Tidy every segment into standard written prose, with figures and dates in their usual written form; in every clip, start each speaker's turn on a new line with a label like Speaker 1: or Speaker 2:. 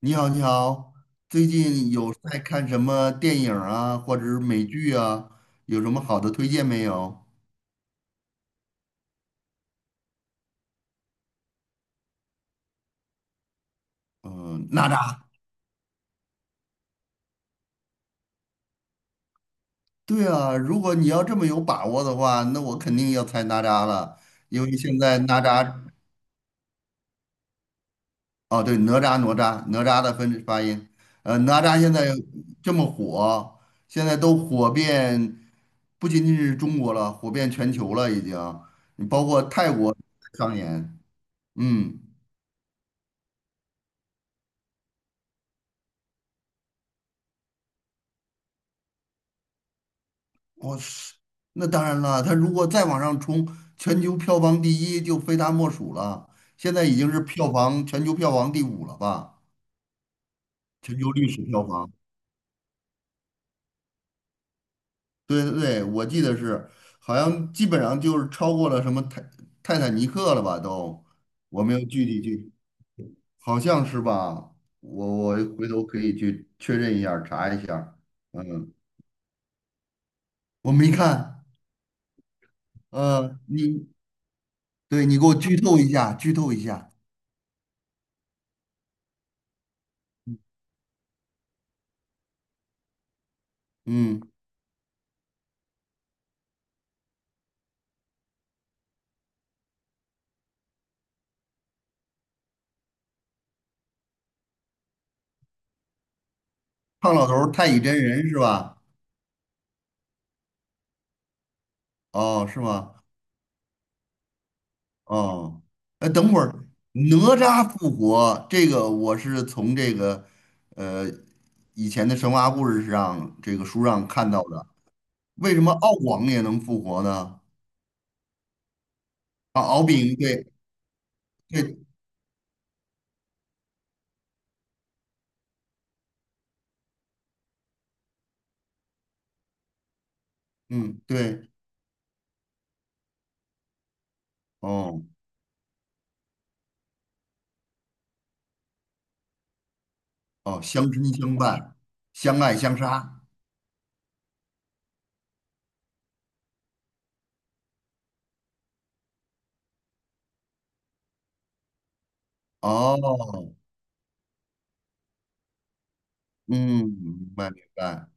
Speaker 1: 你好，你好，最近有在看什么电影啊，或者是美剧啊？有什么好的推荐没有？嗯，哪吒。对啊，如果你要这么有把握的话，那我肯定要猜哪吒了，因为现在哪吒，哦，对，哪吒的分发音，哪吒现在这么火，现在都火遍，不仅仅是中国了，火遍全球了已经，包括泰国上演，嗯。我是，那当然了，他如果再往上冲，全球票房第一就非他莫属了。现在已经是全球票房第五了吧？全球历史票房，对对对，我记得是，好像基本上就是超过了什么泰坦尼克了吧？都，我没有具体去，好像是吧？我回头可以去确认一下儿查一下儿嗯，我没看，呃，你对，你给我剧透一下，剧透一下，嗯。胖老头儿太乙真人是吧？哦，是吗？哦，哎，等会儿哪吒复活这个，我是从这个呃以前的神话故事上这个书上看到的。为什么敖广也能复活呢？啊，敖丙，对对，嗯，对，哦哦，相亲相伴，相爱相杀。哦，嗯，明白明白。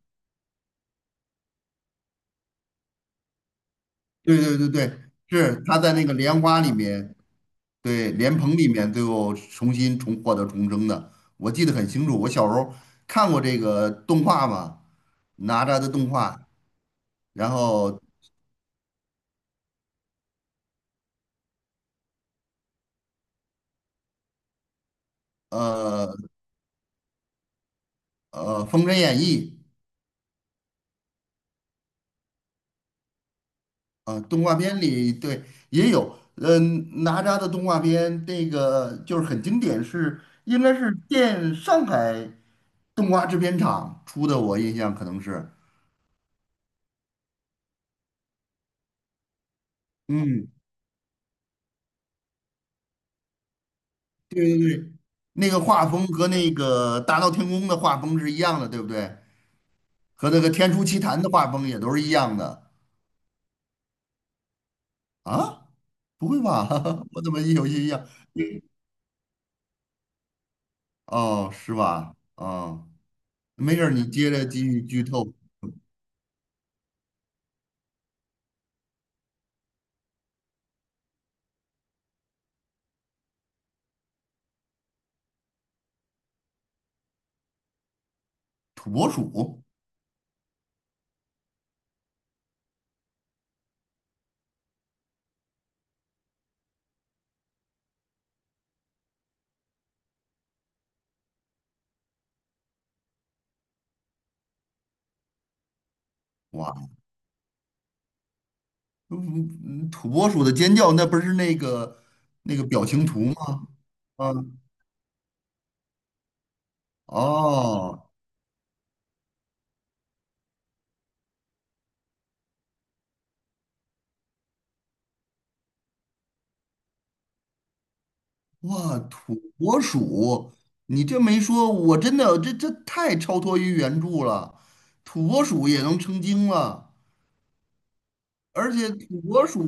Speaker 1: 对对对对，是他在那个莲花里面。对，莲蓬里面最后重新重获得重生的，我记得很清楚。我小时候看过这个动画嘛，哪吒的动画，然后呃《封神演义》啊、动画片里对也有，嗯、哪吒的动画片那个就是很经典是，应该是上海动画制片厂出的，我印象可能是，嗯，那个画风和那个《大闹天宫》的画风是一样的，对不对？和那个《天书奇谭》的画风也都是一样的啊？不会吧？我怎么有印象？哦，是吧？哦，没事儿，你接着继续剧透。土拨鼠，哇，嗯，嗯土拨鼠的尖叫，那不是那个表情图吗？啊，哦，哇，土拨鼠，你这没说，我真的这太超脱于原著了，土拨鼠也能成精了。而且土拨鼠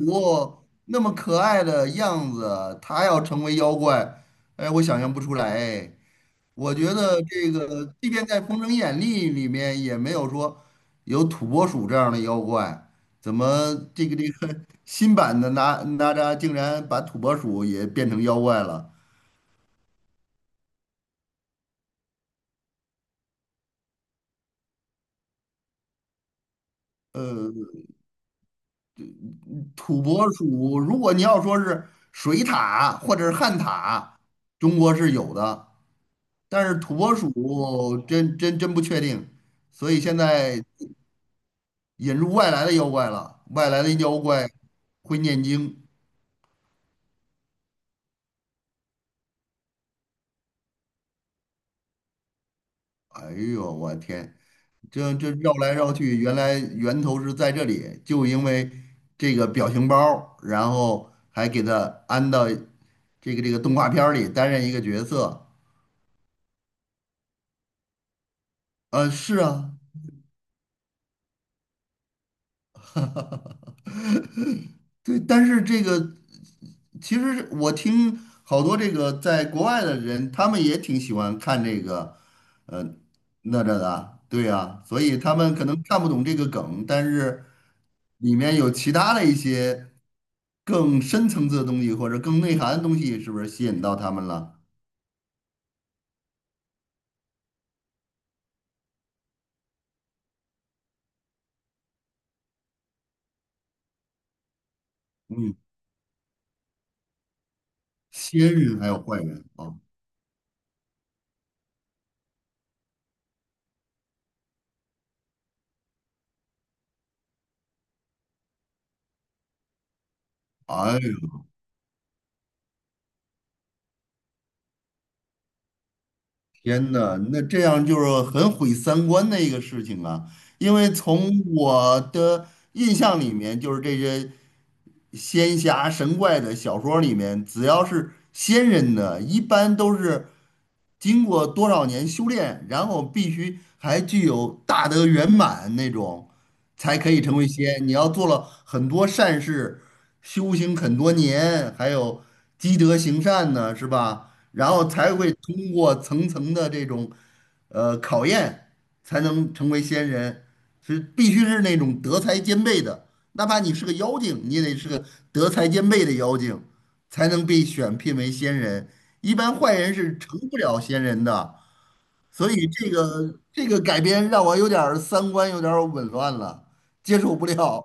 Speaker 1: 那么可爱的样子，它要成为妖怪，哎，我想象不出来。哎我觉得这个，即便在《封神演义》里面，也没有说有土拨鼠这样的妖怪。怎么这个 新版的哪吒竟然把土拨鼠也变成妖怪了？土拨鼠，如果你要说是水獭或者是旱獭，中国是有的。但是土拨鼠真不确定，所以现在引入外来的妖怪了，外来的妖怪会念经。哎呦，我天，这绕来绕去，原来源头是在这里，就因为这个表情包儿然后还给他安到这个动画片儿里担任一个角色。是啊，对，但是这个。其实我听好多这个在国外的人，他们也挺喜欢看这个，呃，哪吒的啊，对呀，所以他们可能看不懂这个梗，但是里面有其他的一些更深层次的东西或者更内涵的东西，是不是吸引到他们了？嗯，仙人还有坏人啊，哎呦天呐，那这样就是很毁三观的一个事情啊，因为从我的印象里面，就是这些。仙侠神怪的小说里面，只要是仙人的，一般都是。经过多少年修炼，然后必须还具有大德圆满那种，才可以成为仙。你要做了很多善事，修行很多年，还有积德行善呢，是吧？然后才会通过层层的这种考验，才能成为仙人。是必须是那种德才兼备的，哪怕你是个妖精，你也得是个德才兼备的妖精，才能被选聘为仙人。一般坏人是成不了仙人的，所以这个改编让我有点儿三观有点儿紊乱了，接受不了。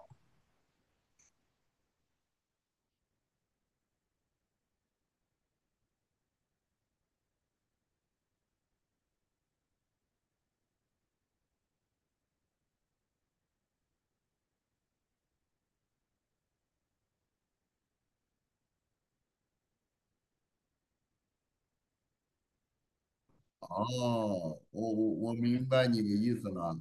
Speaker 1: 哦，我明白你的意思了。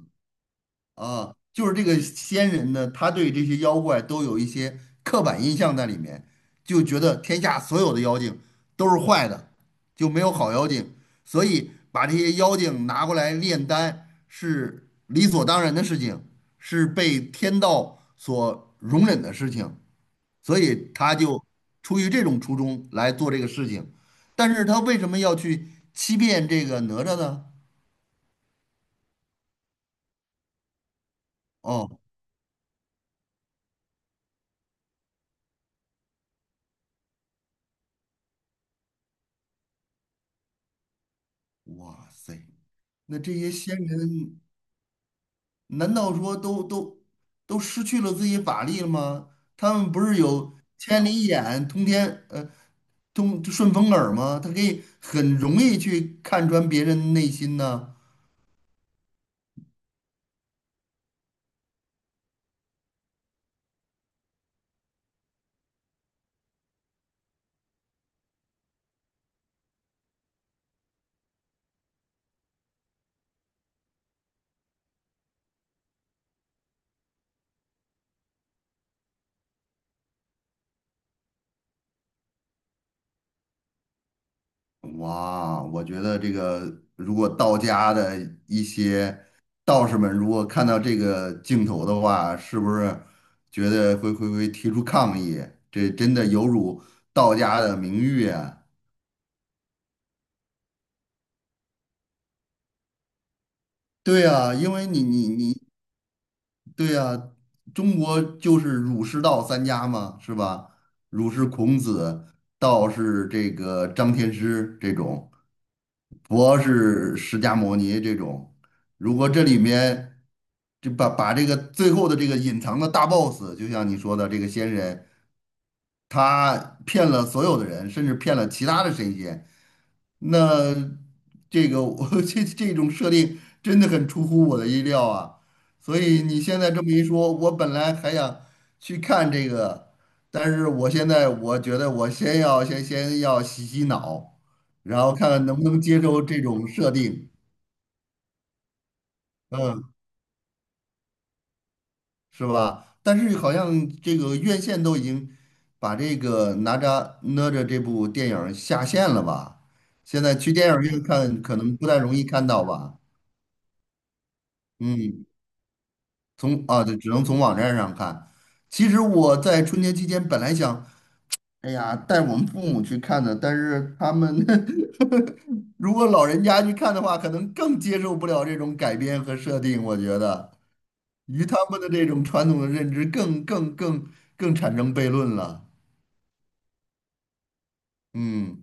Speaker 1: 啊，就是这个仙人呢，他对这些妖怪都有一些刻板印象在里面，就觉得天下所有的妖精都是坏的，就没有好妖精，所以把这些妖精拿过来炼丹是理所当然的事情，是被天道所容忍的事情，所以他就出于这种初衷来做这个事情。但是他为什么要去欺骗这个哪吒呢？哦，哇塞，那这些仙人。难道说都失去了自己法力了吗？他们不是有千里眼、通顺风耳吗？他可以很容易去看穿别人内心呢。哇，我觉得这个如果道家的一些道士们如果看到这个镜头的话，是不是觉得会提出抗议？这真的有辱道家的名誉啊！对啊，因为你。对呀，中国就是儒释道三家嘛，是吧？儒是孔子，道是这个张天师这种，佛是释迦牟尼这种。如果这里面就把这个最后的这个隐藏的大 boss，就像你说的这个仙人，他骗了所有的人，甚至骗了其他的神仙。那这个我 这种设定真的很出乎我的意料啊！所以你现在这么一说，我本来还想去看这个，但是我现在我觉得我先要洗洗脑，然后看看能不能接受这种设定。嗯，是吧？但是好像这个院线都已经把这个哪吒这部电影儿下线了吧？现在去电影院看可能不太容易看到吧？嗯，对，只能从网站上看。其实我在春节期间本来想，哎呀，带我们父母去看的，但是他们 如果老人家去看的话，可能更接受不了这种改编和设定，我觉得与他们的这种传统的认知更产生悖论了。嗯，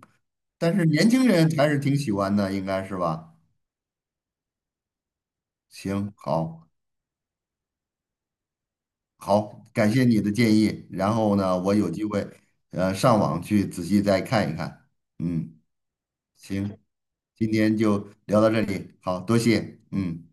Speaker 1: 但是年轻人还是挺喜欢的，应该是吧？行，好，好，感谢你的建议。然后呢，我有机会，上网去仔细再看一看。嗯，行，今天就聊到这里，好，多谢，嗯。